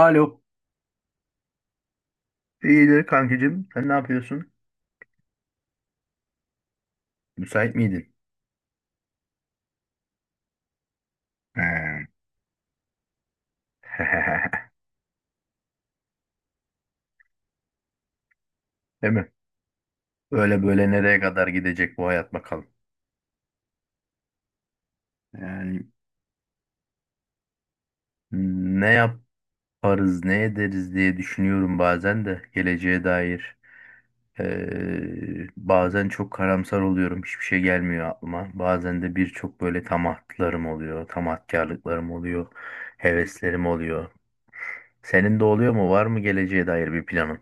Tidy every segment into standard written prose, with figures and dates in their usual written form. Alo. İyidir kankacığım. Sen ne yapıyorsun? Müsait miydin? He. Değil mi? Böyle böyle nereye kadar gidecek bu hayat bakalım. Yani ne yaparız, ne ederiz diye düşünüyorum bazen de geleceğe dair. Bazen çok karamsar oluyorum. Hiçbir şey gelmiyor aklıma. Bazen de birçok böyle tamatlarım oluyor. Tamatkarlıklarım oluyor. Heveslerim oluyor. Senin de oluyor mu? Var mı geleceğe dair bir planın?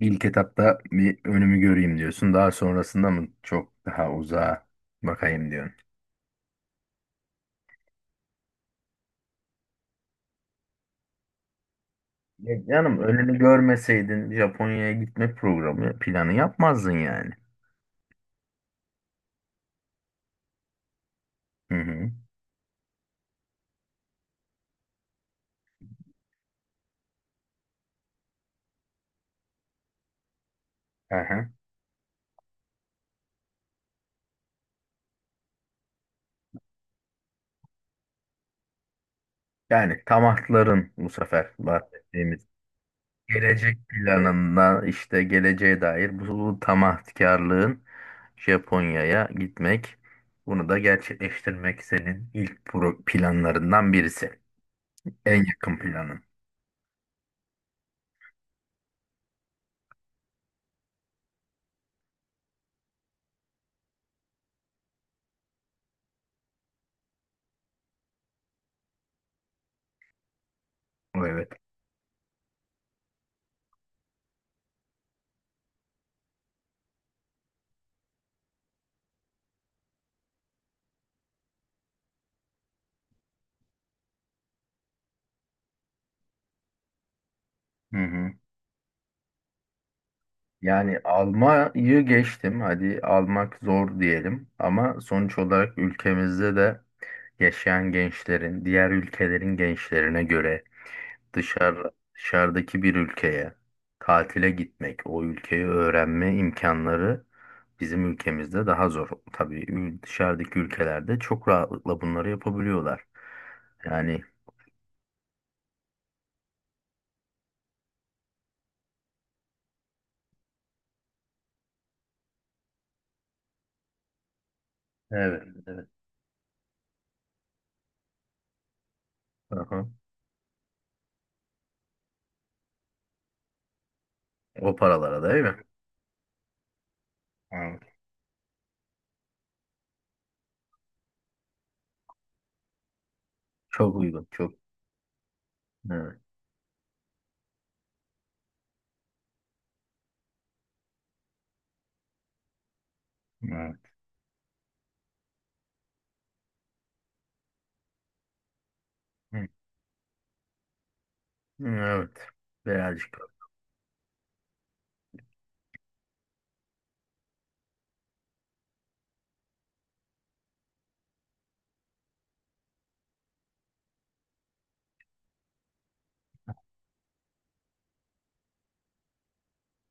İlk etapta bir önümü göreyim diyorsun. Daha sonrasında mı çok daha uzağa bakayım diyorsun. Ya canım önünü görmeseydin Japonya'ya gitme programı planı yapmazdın yani. Hı hı. Aha. Yani taahhütlerin bu sefer bahsettiğimiz gelecek planında işte geleceğe dair bu tamahkarlığın Japonya'ya gitmek bunu da gerçekleştirmek senin ilk planlarından birisi. En yakın planın. Evet. Hı hı. Yani Almanya'yı geçtim. Hadi almak zor diyelim. Ama sonuç olarak ülkemizde de yaşayan gençlerin, diğer ülkelerin gençlerine göre dışarıdaki bir ülkeye tatile gitmek, o ülkeyi öğrenme imkanları bizim ülkemizde daha zor. Tabii dışarıdaki ülkelerde çok rahatlıkla bunları yapabiliyorlar. Yani evet, evet. Aha. O paralara değil mi? Evet, çok uygun, çok. Evet. Evet. Evet. Birazcık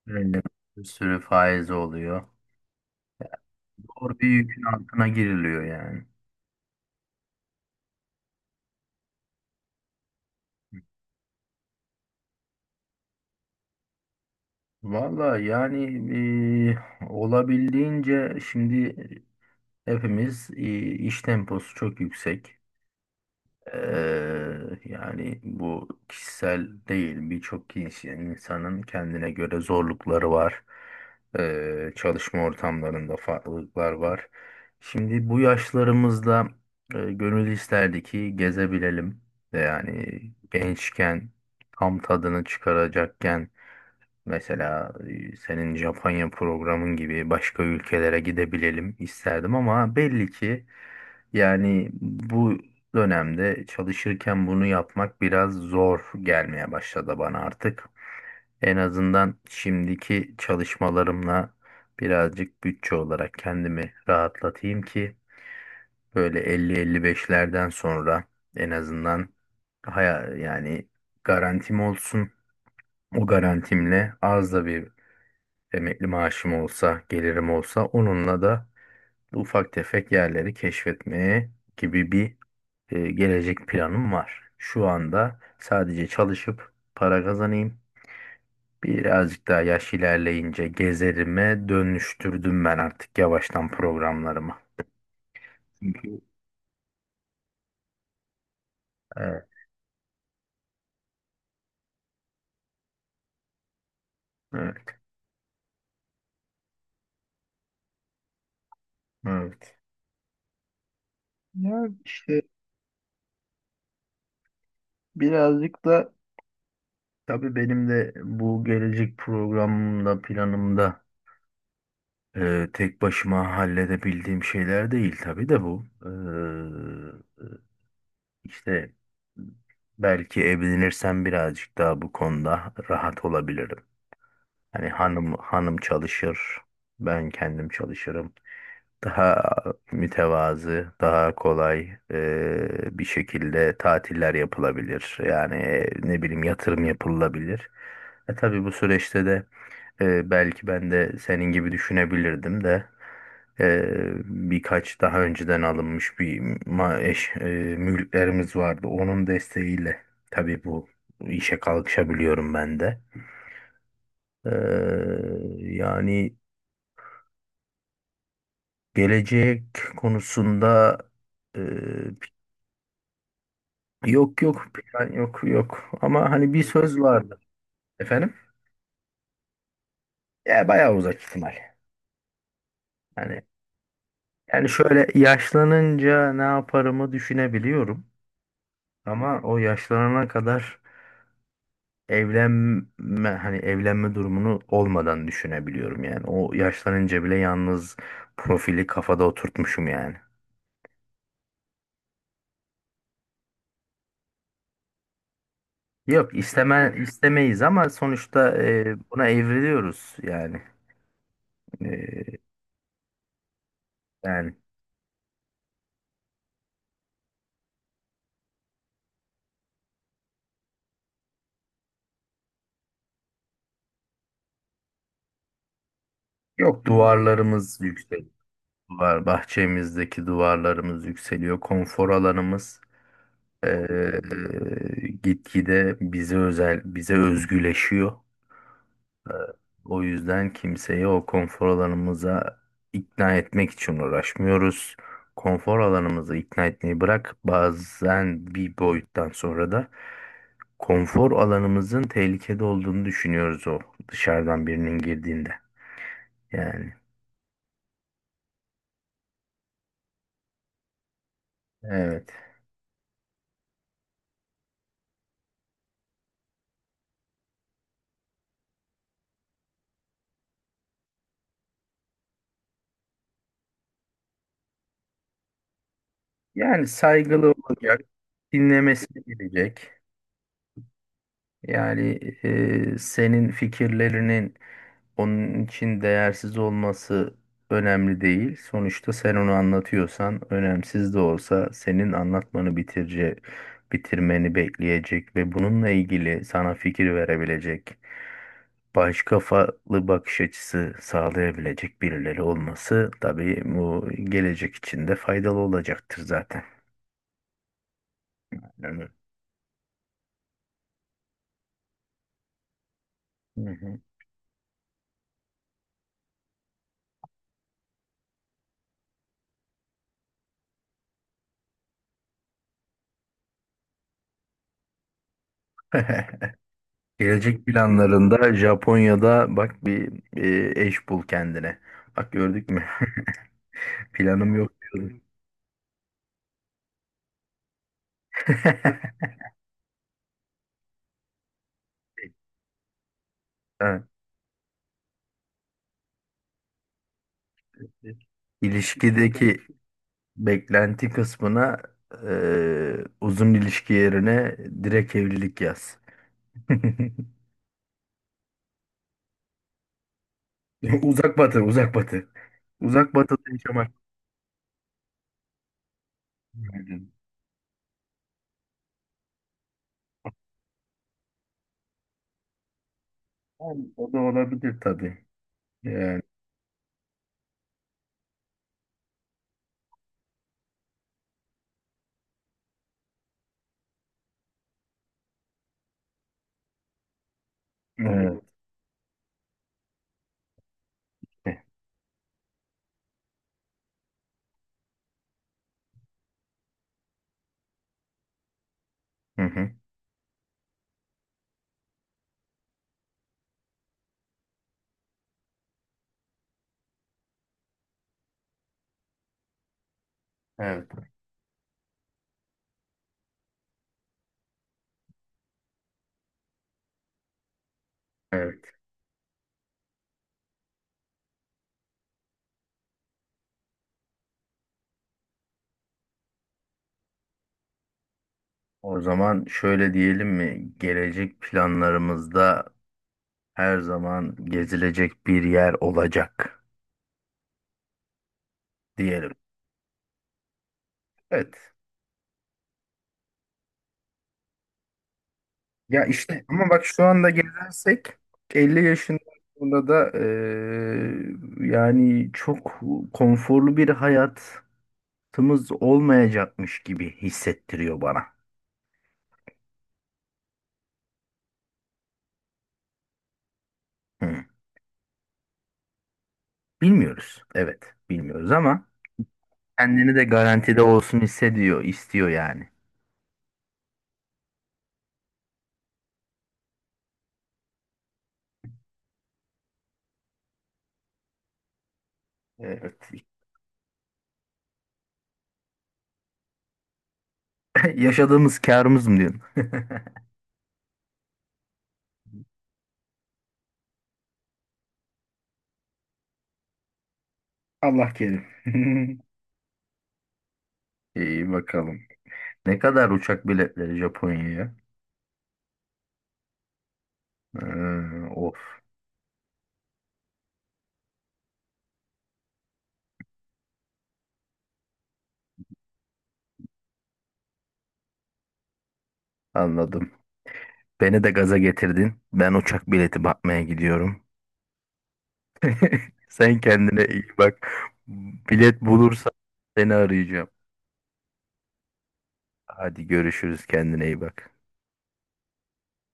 öyle bir sürü faiz oluyor. Doğru bir yükün altına giriliyor yani. Valla yani olabildiğince şimdi hepimiz iş temposu çok yüksek. Yani bu kişisel değil birçok kişi insanın kendine göre zorlukları var. Çalışma ortamlarında farklılıklar var. Şimdi bu yaşlarımızda gönül isterdi ki gezebilelim. Yani gençken tam tadını çıkaracakken mesela senin Japonya programın gibi başka ülkelere gidebilelim isterdim ama belli ki yani bu dönemde çalışırken bunu yapmak biraz zor gelmeye başladı bana artık. En azından şimdiki çalışmalarımla birazcık bütçe olarak kendimi rahatlatayım ki böyle 50-55'lerden sonra en azından yani garantim olsun. O garantimle az da bir emekli maaşım olsa, gelirim olsa onunla da ufak tefek yerleri keşfetmeye gibi bir gelecek planım var. Şu anda sadece çalışıp para kazanayım. Birazcık daha yaş ilerleyince gezerime dönüştürdüm ben artık yavaştan programlarımı. Çünkü evet, evet, evet. Ya işte birazcık da tabii benim de bu gelecek programımda, planımda tek başıma halledebildiğim şeyler değil tabii de bu. İşte belki evlenirsem birazcık daha bu konuda rahat olabilirim. Hani hanım hanım çalışır, ben kendim çalışırım. Daha mütevazı, daha kolay bir şekilde tatiller yapılabilir. Yani ne bileyim yatırım yapılabilir. Tabii bu süreçte de belki ben de senin gibi düşünebilirdim de ee, birkaç daha önceden alınmış bir ma eş, e, mülklerimiz vardı. Onun desteğiyle tabii bu işe kalkışabiliyorum ben de. Ee, Yani gelecek konusunda e, yok yok plan yok yok ama hani bir söz vardı efendim. Ya bayağı uzak ihtimal. Yani yani şöyle yaşlanınca ne yaparımı düşünebiliyorum. Ama o yaşlanana kadar hani evlenme durumunu olmadan düşünebiliyorum yani. O yaşlanınca bile yalnız profili kafada oturtmuşum yani. Yok istemeyiz ama sonuçta buna evriliyoruz yani. E, Yani yok duvarlarımız yükseliyor. Bahçemizdeki duvarlarımız yükseliyor. Konfor alanımız e, gitgide bize özel bize özgüleşiyor. O yüzden kimseyi o konfor alanımıza ikna etmek için uğraşmıyoruz. Konfor alanımızı ikna etmeyi bırak. Bazen bir boyuttan sonra da konfor alanımızın tehlikede olduğunu düşünüyoruz o dışarıdan birinin girdiğinde. Yani evet. Yani saygılı olacak, dinlemesi gelecek. Yani senin fikirlerinin onun için değersiz olması önemli değil. Sonuçta sen onu anlatıyorsan önemsiz de olsa senin anlatmanı bitirmeni bekleyecek ve bununla ilgili sana fikir verebilecek, baş kafalı bakış açısı sağlayabilecek birileri olması tabii bu gelecek için de faydalı olacaktır zaten. Yani, hı hı. Gelecek planlarında Japonya'da bak bir eş bul kendine. Bak gördük mü? Planım yok diyorum. Ha. İlişkideki beklenti kısmına uzun ilişki yerine direkt evlilik yaz. Uzak batı, uzak batı. Uzak batıda yaşamak isterdim. Yani o da olabilir tabii. Yani, evet. Hı hı. Evet. Evet. O zaman şöyle diyelim mi? Gelecek planlarımızda her zaman gezilecek bir yer olacak diyelim. Evet. Ya işte ama bak şu anda gelirsek 50 yaşında sonra da yani çok konforlu bir hayatımız olmayacakmış gibi hissettiriyor bana. Hı. Bilmiyoruz. Evet, bilmiyoruz ama kendini de garantide olsun hissediyor, istiyor yani. Evet. Yaşadığımız kârımız mı diyorsun? Allah kerim. İyi bakalım. Ne kadar uçak biletleri Japonya'ya? Of, anladım. Beni de gaza getirdin. Ben uçak bileti bakmaya gidiyorum. Sen kendine iyi bak. Bilet bulursam seni arayacağım. Hadi görüşürüz. Kendine iyi bak.